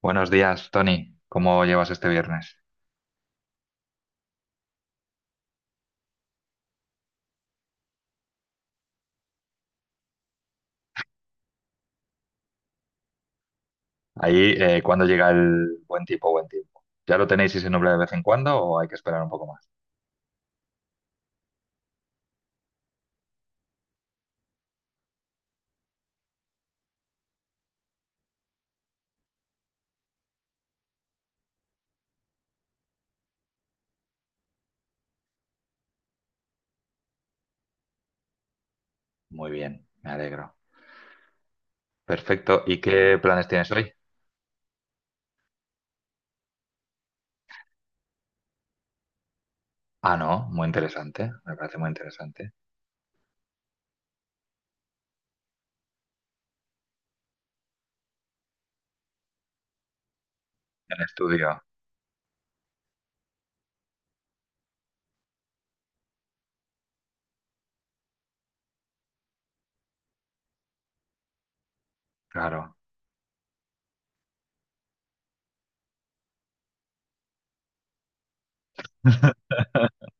Buenos días, Tony. ¿Cómo llevas este viernes? Ahí, ¿cuándo llega el buen tiempo? ¿Ya lo tenéis y se nubla de vez en cuando o hay que esperar un poco más? Muy bien, me alegro. Perfecto. ¿Y qué planes tienes hoy? Ah, no, muy interesante. Me parece muy interesante. El estudio, claro.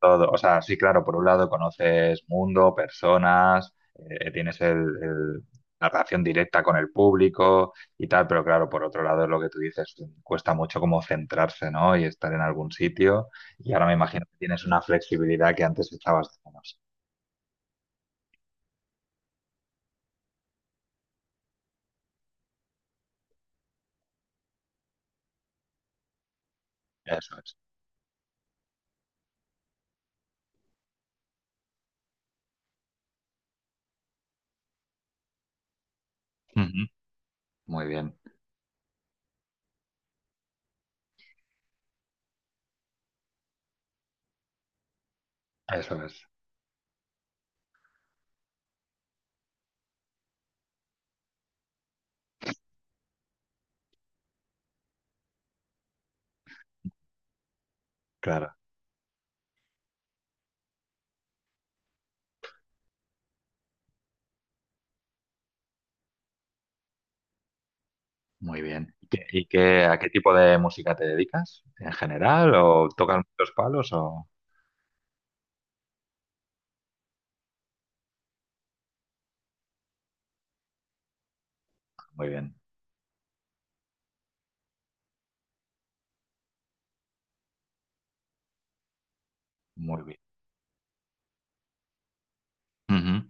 Todo. O sea, sí, claro, por un lado conoces mundo, personas, tienes la relación directa con el público y tal, pero claro, por otro lado es lo que tú dices, cuesta mucho como centrarse, ¿no? Y estar en algún sitio. Y ahora me imagino que tienes una flexibilidad que antes echabas de menos. Eso es. Ujú. Muy bien, eso es, claro. Muy bien. ¿Y qué, a qué tipo de música te dedicas en general? ¿O tocas muchos palos? O... Muy bien, muy bien. Ujú.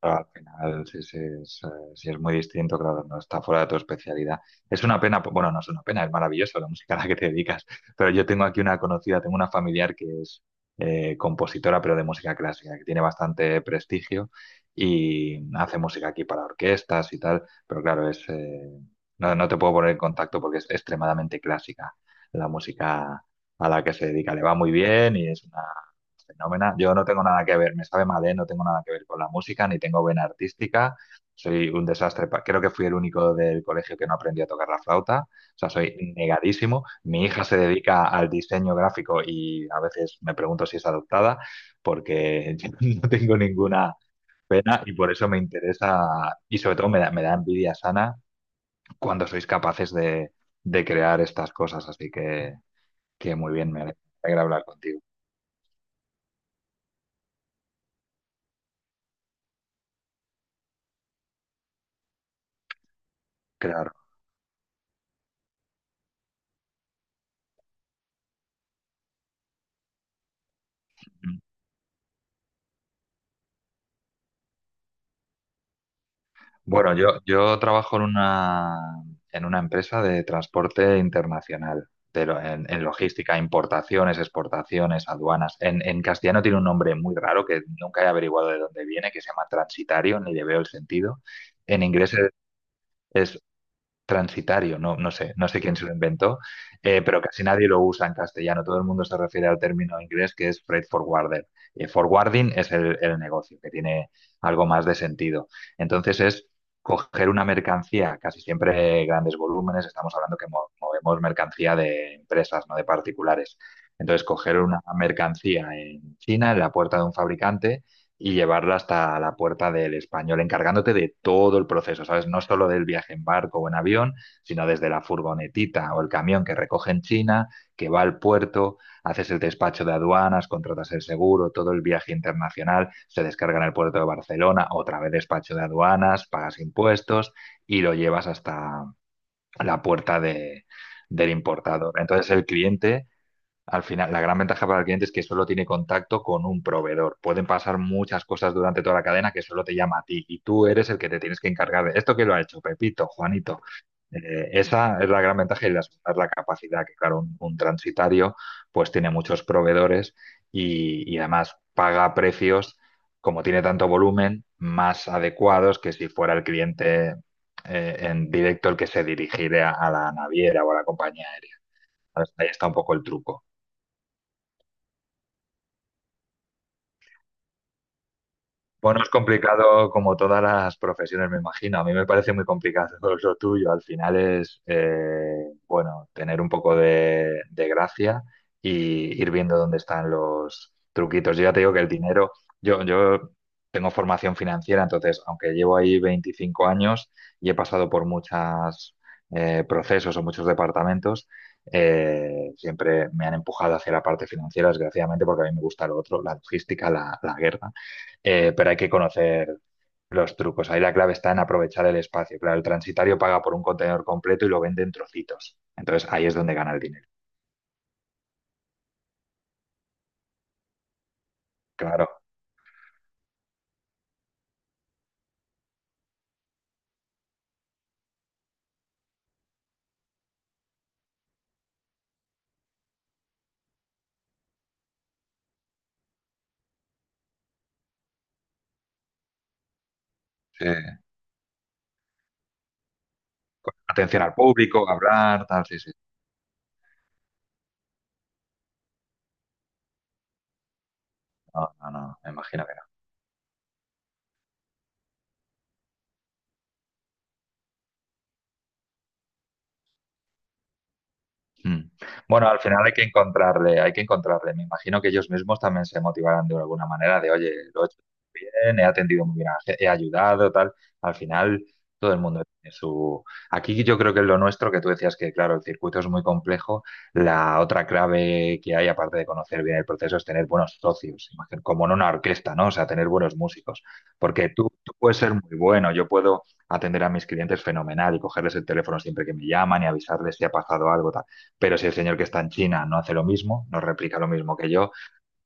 Pero al final, sí, sí es muy distinto, claro, no está fuera de tu especialidad. Es una pena, bueno, no es una pena, es maravilloso la música a la que te dedicas, pero yo tengo aquí una conocida, tengo una familiar que es compositora, pero de música clásica, que tiene bastante prestigio y hace música aquí para orquestas y tal, pero claro, es, no, no te puedo poner en contacto porque es extremadamente clásica la música a la que se dedica, le va muy bien y es una fenómena. Yo no tengo nada que ver, me sabe mal, ¿eh? No tengo nada que ver con la música, ni tengo vena artística. Soy un desastre. Creo que fui el único del colegio que no aprendió a tocar la flauta. O sea, soy negadísimo. Mi hija se dedica al diseño gráfico y a veces me pregunto si es adoptada, porque yo no tengo ninguna pena y por eso me interesa y sobre todo me da envidia sana cuando sois capaces de crear estas cosas. Así que muy bien, me alegra hablar contigo. Claro. Bueno, yo trabajo en una empresa de transporte internacional, pero en logística, importaciones, exportaciones, aduanas. En castellano tiene un nombre muy raro que nunca he averiguado de dónde viene, que se llama transitario, ni le veo el sentido. En inglés es, transitario, no, no sé, no sé quién se lo inventó, pero casi nadie lo usa en castellano. Todo el mundo se refiere al término inglés que es freight forwarder. Forwarding es el negocio, que tiene algo más de sentido. Entonces es coger una mercancía, casi siempre grandes volúmenes, estamos hablando que movemos mercancía de empresas, no de particulares. Entonces, coger una mercancía en China, en la puerta de un fabricante, y llevarla hasta la puerta del español, encargándote de todo el proceso, ¿sabes? No solo del viaje en barco o en avión, sino desde la furgonetita o el camión que recoge en China, que va al puerto, haces el despacho de aduanas, contratas el seguro, todo el viaje internacional, se descarga en el puerto de Barcelona, otra vez despacho de aduanas, pagas impuestos y lo llevas hasta la puerta de, del importador. Entonces el cliente al final, la gran ventaja para el cliente es que solo tiene contacto con un proveedor. Pueden pasar muchas cosas durante toda la cadena que solo te llama a ti y tú eres el que te tienes que encargar de esto que lo ha hecho Pepito, Juanito. Esa es la gran ventaja y la segunda es la capacidad, que claro, un transitario pues tiene muchos proveedores y además paga precios, como tiene tanto volumen, más adecuados que si fuera el cliente en directo el que se dirigiera a la naviera o a la compañía aérea. Ahí está un poco el truco. Bueno, es complicado como todas las profesiones, me imagino. A mí me parece muy complicado lo tuyo. Al final es, bueno, tener un poco de gracia y ir viendo dónde están los truquitos. Yo ya te digo que el dinero, yo tengo formación financiera, entonces, aunque llevo ahí 25 años y he pasado por muchos procesos o muchos departamentos, siempre me han empujado hacia la parte financiera, desgraciadamente, porque a mí me gusta lo otro, la logística, la guerra pero hay que conocer los trucos. Ahí la clave está en aprovechar el espacio. Claro, el transitario paga por un contenedor completo y lo vende en trocitos. Entonces ahí es donde gana el dinero. Claro, sí. Con atención al público, hablar, tal, sí, sí. No, no, no, me imagino. Mm. Bueno, al final hay que encontrarle, hay que encontrarle. Me imagino que ellos mismos también se motivarán de alguna manera de, oye, lo he hecho bien, he atendido muy bien, a he ayudado, tal. Al final, todo el mundo tiene su... Aquí yo creo que es lo nuestro, que tú decías que, claro, el circuito es muy complejo. La otra clave que hay, aparte de conocer bien el proceso, es tener buenos socios, imagino, como en una orquesta, ¿no? O sea, tener buenos músicos. Porque tú puedes ser muy bueno, yo puedo atender a mis clientes fenomenal y cogerles el teléfono siempre que me llaman y avisarles si ha pasado algo, pero si el señor que está en China no hace lo mismo, no replica lo mismo que yo,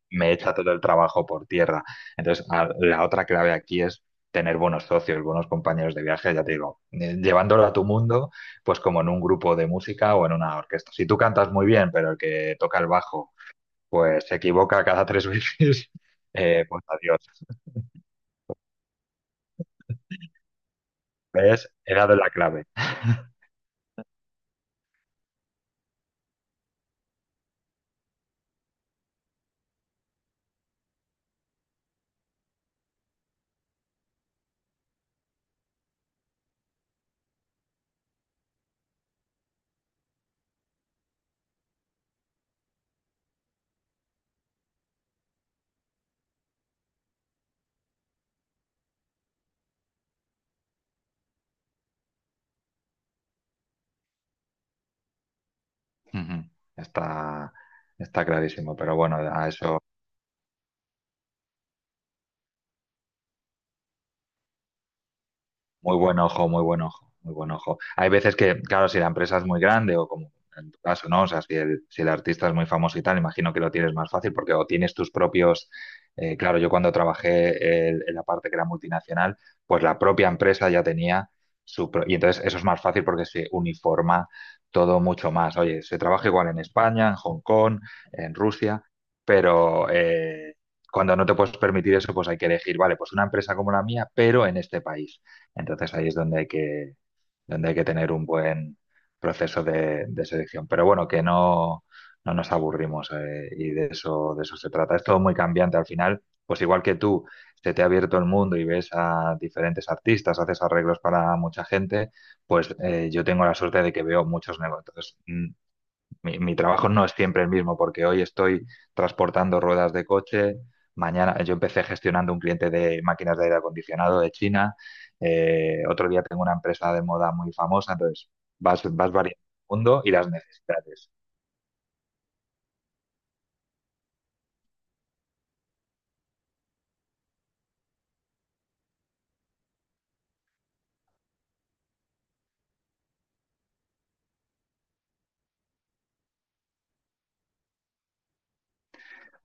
me echa todo el trabajo por tierra. Entonces, la otra clave aquí es tener buenos socios, buenos compañeros de viaje, ya te digo, llevándolo a tu mundo, pues como en un grupo de música o en una orquesta. Si tú cantas muy bien, pero el que toca el bajo, pues se equivoca cada tres veces, pues adiós. ¿Ves? He dado la clave. Ujú. Está, está clarísimo, pero bueno, a eso. Muy buen ojo, muy buen ojo, muy buen ojo. Hay veces que, claro, si la empresa es muy grande o como en tu caso, ¿no? O sea, si el, si el artista es muy famoso y tal, imagino que lo tienes más fácil porque o tienes tus propios... claro, yo cuando trabajé en la parte que era multinacional, pues la propia empresa ya tenía su... Y entonces eso es más fácil porque se uniforma todo mucho más. Oye, se trabaja igual en España, en Hong Kong, en Rusia, pero... cuando no te puedes permitir eso, pues hay que elegir, vale, pues una empresa como la mía, pero en este país. Entonces ahí es donde hay que tener un buen proceso de selección. Pero bueno, que no, no nos aburrimos y de eso se trata. Es todo muy cambiante al final, pues igual que tú, se te ha abierto el mundo y ves a diferentes artistas, haces arreglos para mucha gente, pues yo tengo la suerte de que veo muchos negocios. Entonces, mi, mi trabajo no es siempre el mismo, porque hoy estoy transportando ruedas de coche, mañana yo empecé gestionando un cliente de máquinas de aire acondicionado de China, otro día tengo una empresa de moda muy famosa, entonces vas, vas variando el mundo y las necesidades.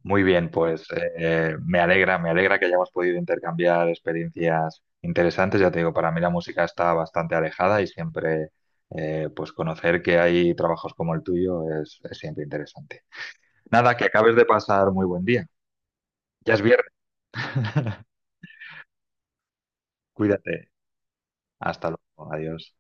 Muy bien, pues me alegra que hayamos podido intercambiar experiencias interesantes. Ya te digo, para mí la música está bastante alejada y siempre, pues conocer que hay trabajos como el tuyo es siempre interesante. Nada, que acabes de pasar muy buen día. Ya es viernes. Cuídate. Hasta luego. Adiós.